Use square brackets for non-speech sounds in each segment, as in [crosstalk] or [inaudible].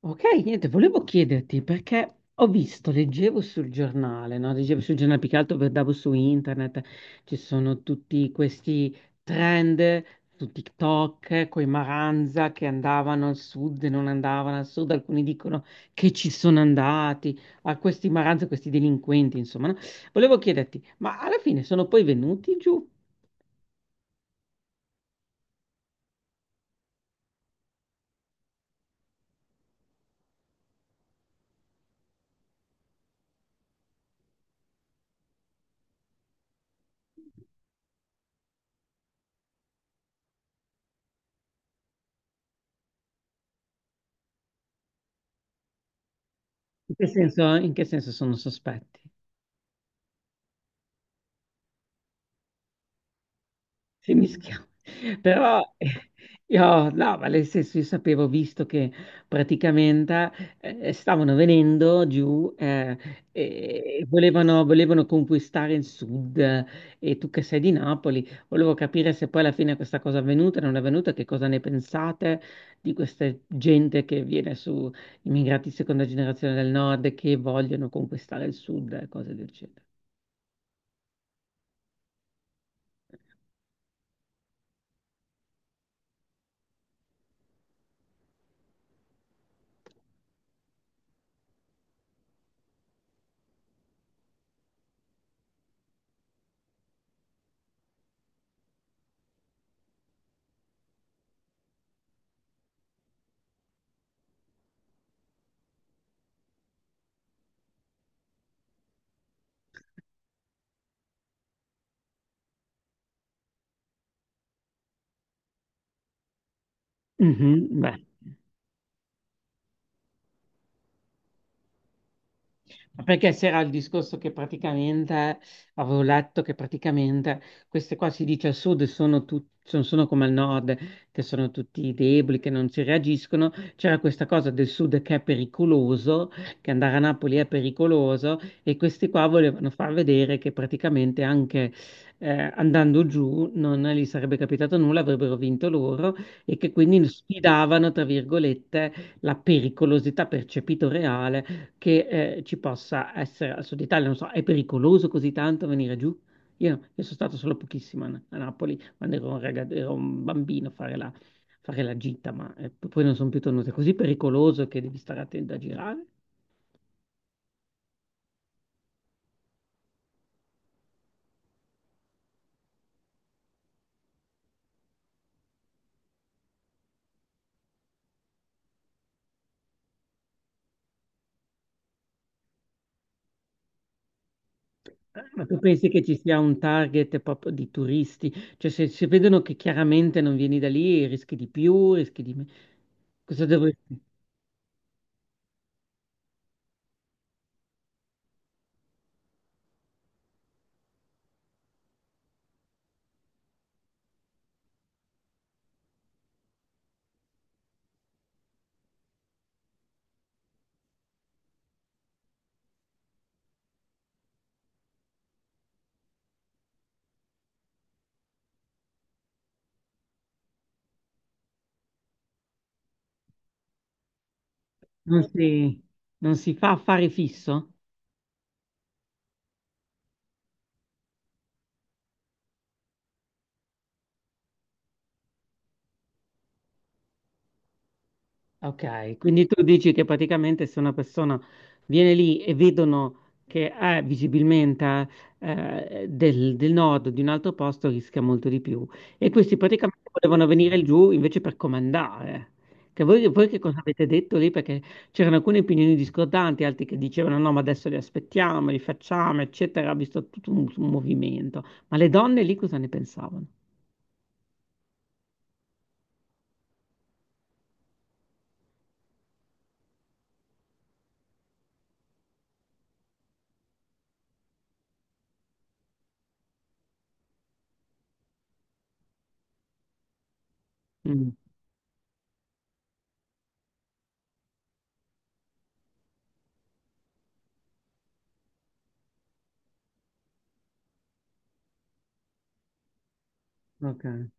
Ok, niente, volevo chiederti perché ho visto, leggevo sul giornale, no? Leggevo sul giornale, più che altro guardavo su internet, ci sono tutti questi trend su TikTok, coi Maranza che andavano al sud e non andavano al sud, alcuni dicono che ci sono andati, a questi Maranza, questi delinquenti, insomma, no? Volevo chiederti, ma alla fine sono poi venuti giù? In che senso sono sospetti? Si mischiava. Però io, no, ma nel senso, io sapevo, visto che praticamente stavano venendo giù e volevano conquistare il sud, e tu che sei di Napoli, volevo capire se poi alla fine questa cosa è avvenuta, non è avvenuta, che cosa ne pensate di questa gente che viene su, immigrati di seconda generazione del nord che vogliono conquistare il sud e cose del genere. Mhm, beh. Ma perché c'era il discorso che praticamente, avevo letto che praticamente queste qua si dice al sud sono come al nord, che sono tutti deboli, che non ci reagiscono. C'era questa cosa del sud che è pericoloso, che andare a Napoli è pericoloso e questi qua volevano far vedere che praticamente anche eh, andando giù non gli sarebbe capitato nulla, avrebbero vinto loro e che quindi sfidavano, tra virgolette, la pericolosità percepito reale che ci possa essere al sud Italia, non so, è pericoloso così tanto venire giù? Io, no, io sono stato solo pochissimo a Napoli quando ero un bambino a fare la gita, ma poi non sono più tornato. È così pericoloso che devi stare attento a girare? Ma tu pensi che ci sia un target proprio di turisti? Cioè, se vedono che chiaramente non vieni da lì, rischi di più, rischi di meno. Cosa devo... Non si, non si fa affare fisso? Ok, quindi tu dici che praticamente se una persona viene lì e vedono che è visibilmente del nord o di un altro posto, rischia molto di più. E questi praticamente volevano venire giù invece per comandare. Che voi che cosa avete detto lì? Perché c'erano alcune opinioni discordanti, altri che dicevano no, ma adesso li aspettiamo, li facciamo, eccetera. Ha visto tutto un movimento. Ma le donne lì cosa ne pensavano? Mm, ok.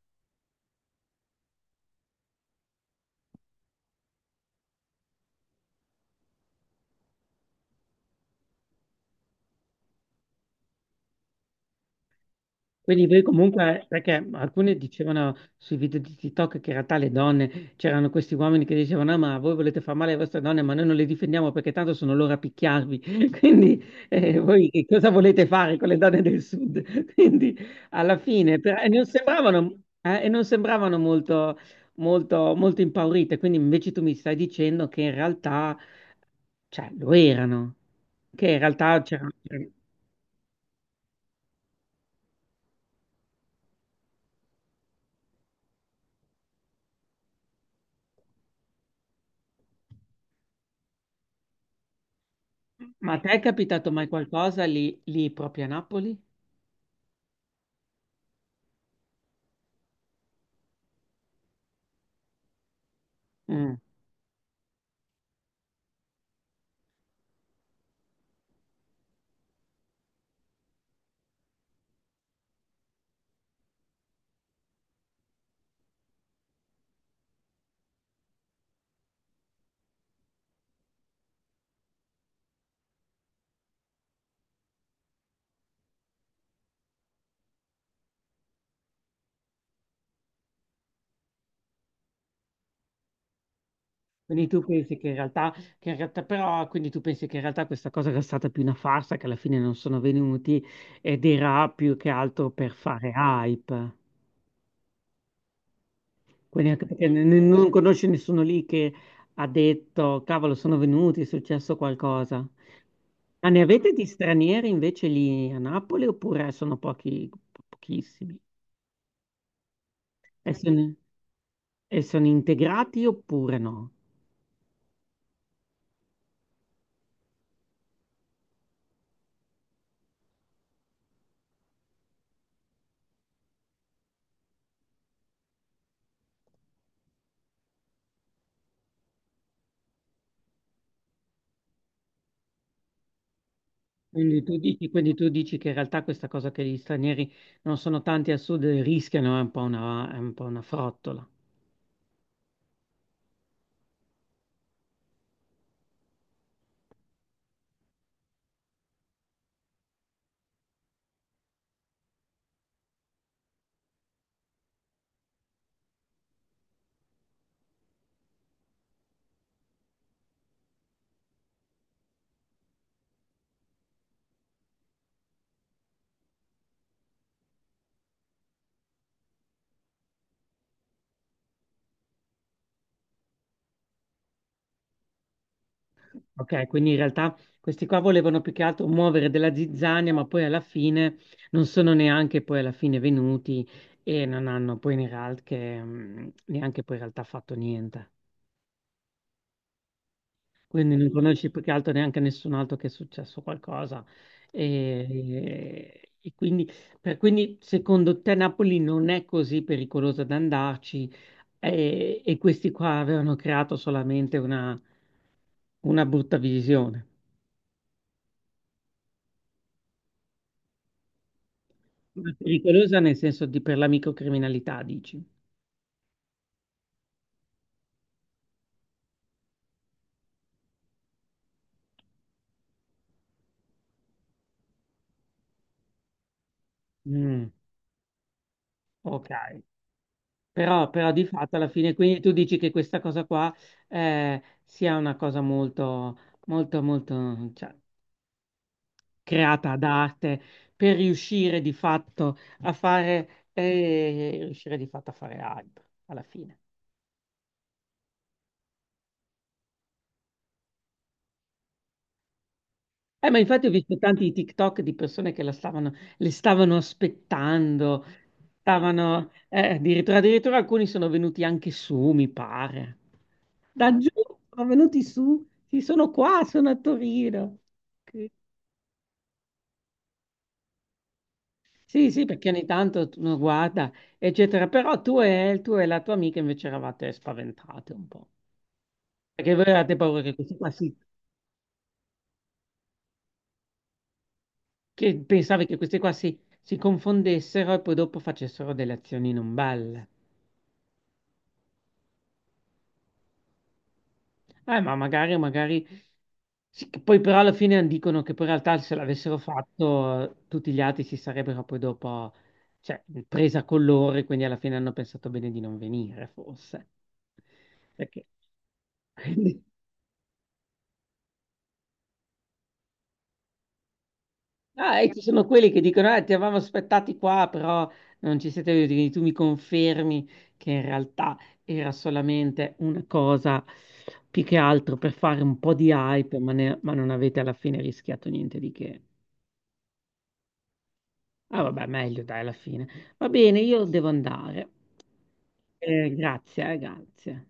Quindi voi comunque, perché alcune dicevano sui video di TikTok che in realtà le donne, c'erano questi uomini che dicevano, ah, ma voi volete far male alle vostre donne, ma noi non le difendiamo perché tanto sono loro a picchiarvi. [laughs] Quindi voi che cosa volete fare con le donne del sud? [laughs] Quindi alla fine, però, e non sembravano molto, molto, molto impaurite, quindi invece tu mi stai dicendo che in realtà, cioè, lo erano, che in realtà c'erano... Ma a te è capitato mai qualcosa lì proprio a Napoli? Mm. Quindi tu pensi che in realtà, Quindi tu pensi che in realtà questa cosa era stata più una farsa, che alla fine non sono venuti ed era più che altro per fare hype. Quindi anche perché non conosci nessuno lì che ha detto, cavolo, sono venuti, è successo qualcosa. Ma ne avete di stranieri invece lì a Napoli oppure sono pochi, pochissimi? E sono, e sono integrati oppure no? Quindi tu dici che in realtà questa cosa che gli stranieri non sono tanti al sud e rischiano è un po' una frottola. Ok, quindi in realtà questi qua volevano più che altro muovere della zizzania, ma poi alla fine non sono neanche poi alla fine venuti e non hanno poi in realtà neanche poi in realtà fatto niente. Quindi non conosci più che altro neanche nessun altro che è successo qualcosa. E quindi, quindi, secondo te Napoli non è così pericolosa da andarci e questi qua avevano creato solamente una brutta visione. Ma pericolosa nel senso di per la microcriminalità, dici? Mm, ok. Però di fatto alla fine, quindi tu dici che questa cosa qua sia una cosa molto, molto, molto... cioè, creata da arte per riuscire di fatto a fare hype alla fine. Ma infatti ho visto tanti TikTok di persone che le stavano aspettando, addirittura alcuni sono venuti anche su, mi pare. Da giù sono venuti su, sì, sono qua, sono a Torino. Che- Sì, sì, perché ogni tanto uno guarda, eccetera. Però tu e la tua amica invece eravate spaventate un po'. Perché voi avevate paura che pensavi che questi qua si confondessero e poi dopo facessero delle azioni non belle. Ma magari, magari, sì, che poi però alla fine dicono che poi in realtà se l'avessero fatto tutti gli altri si sarebbero poi dopo, cioè, presa con loro e quindi alla fine hanno pensato bene di non venire, forse. Perché... [laughs] Ah, e ci sono quelli che dicono: ti avevamo aspettati qua, però non ci siete venuti. Tu mi confermi che in realtà era solamente una cosa più che altro per fare un po' di hype, ma non avete alla fine rischiato niente di che. Ah, vabbè, meglio dai, alla fine. Va bene, io devo andare. Grazie, grazie.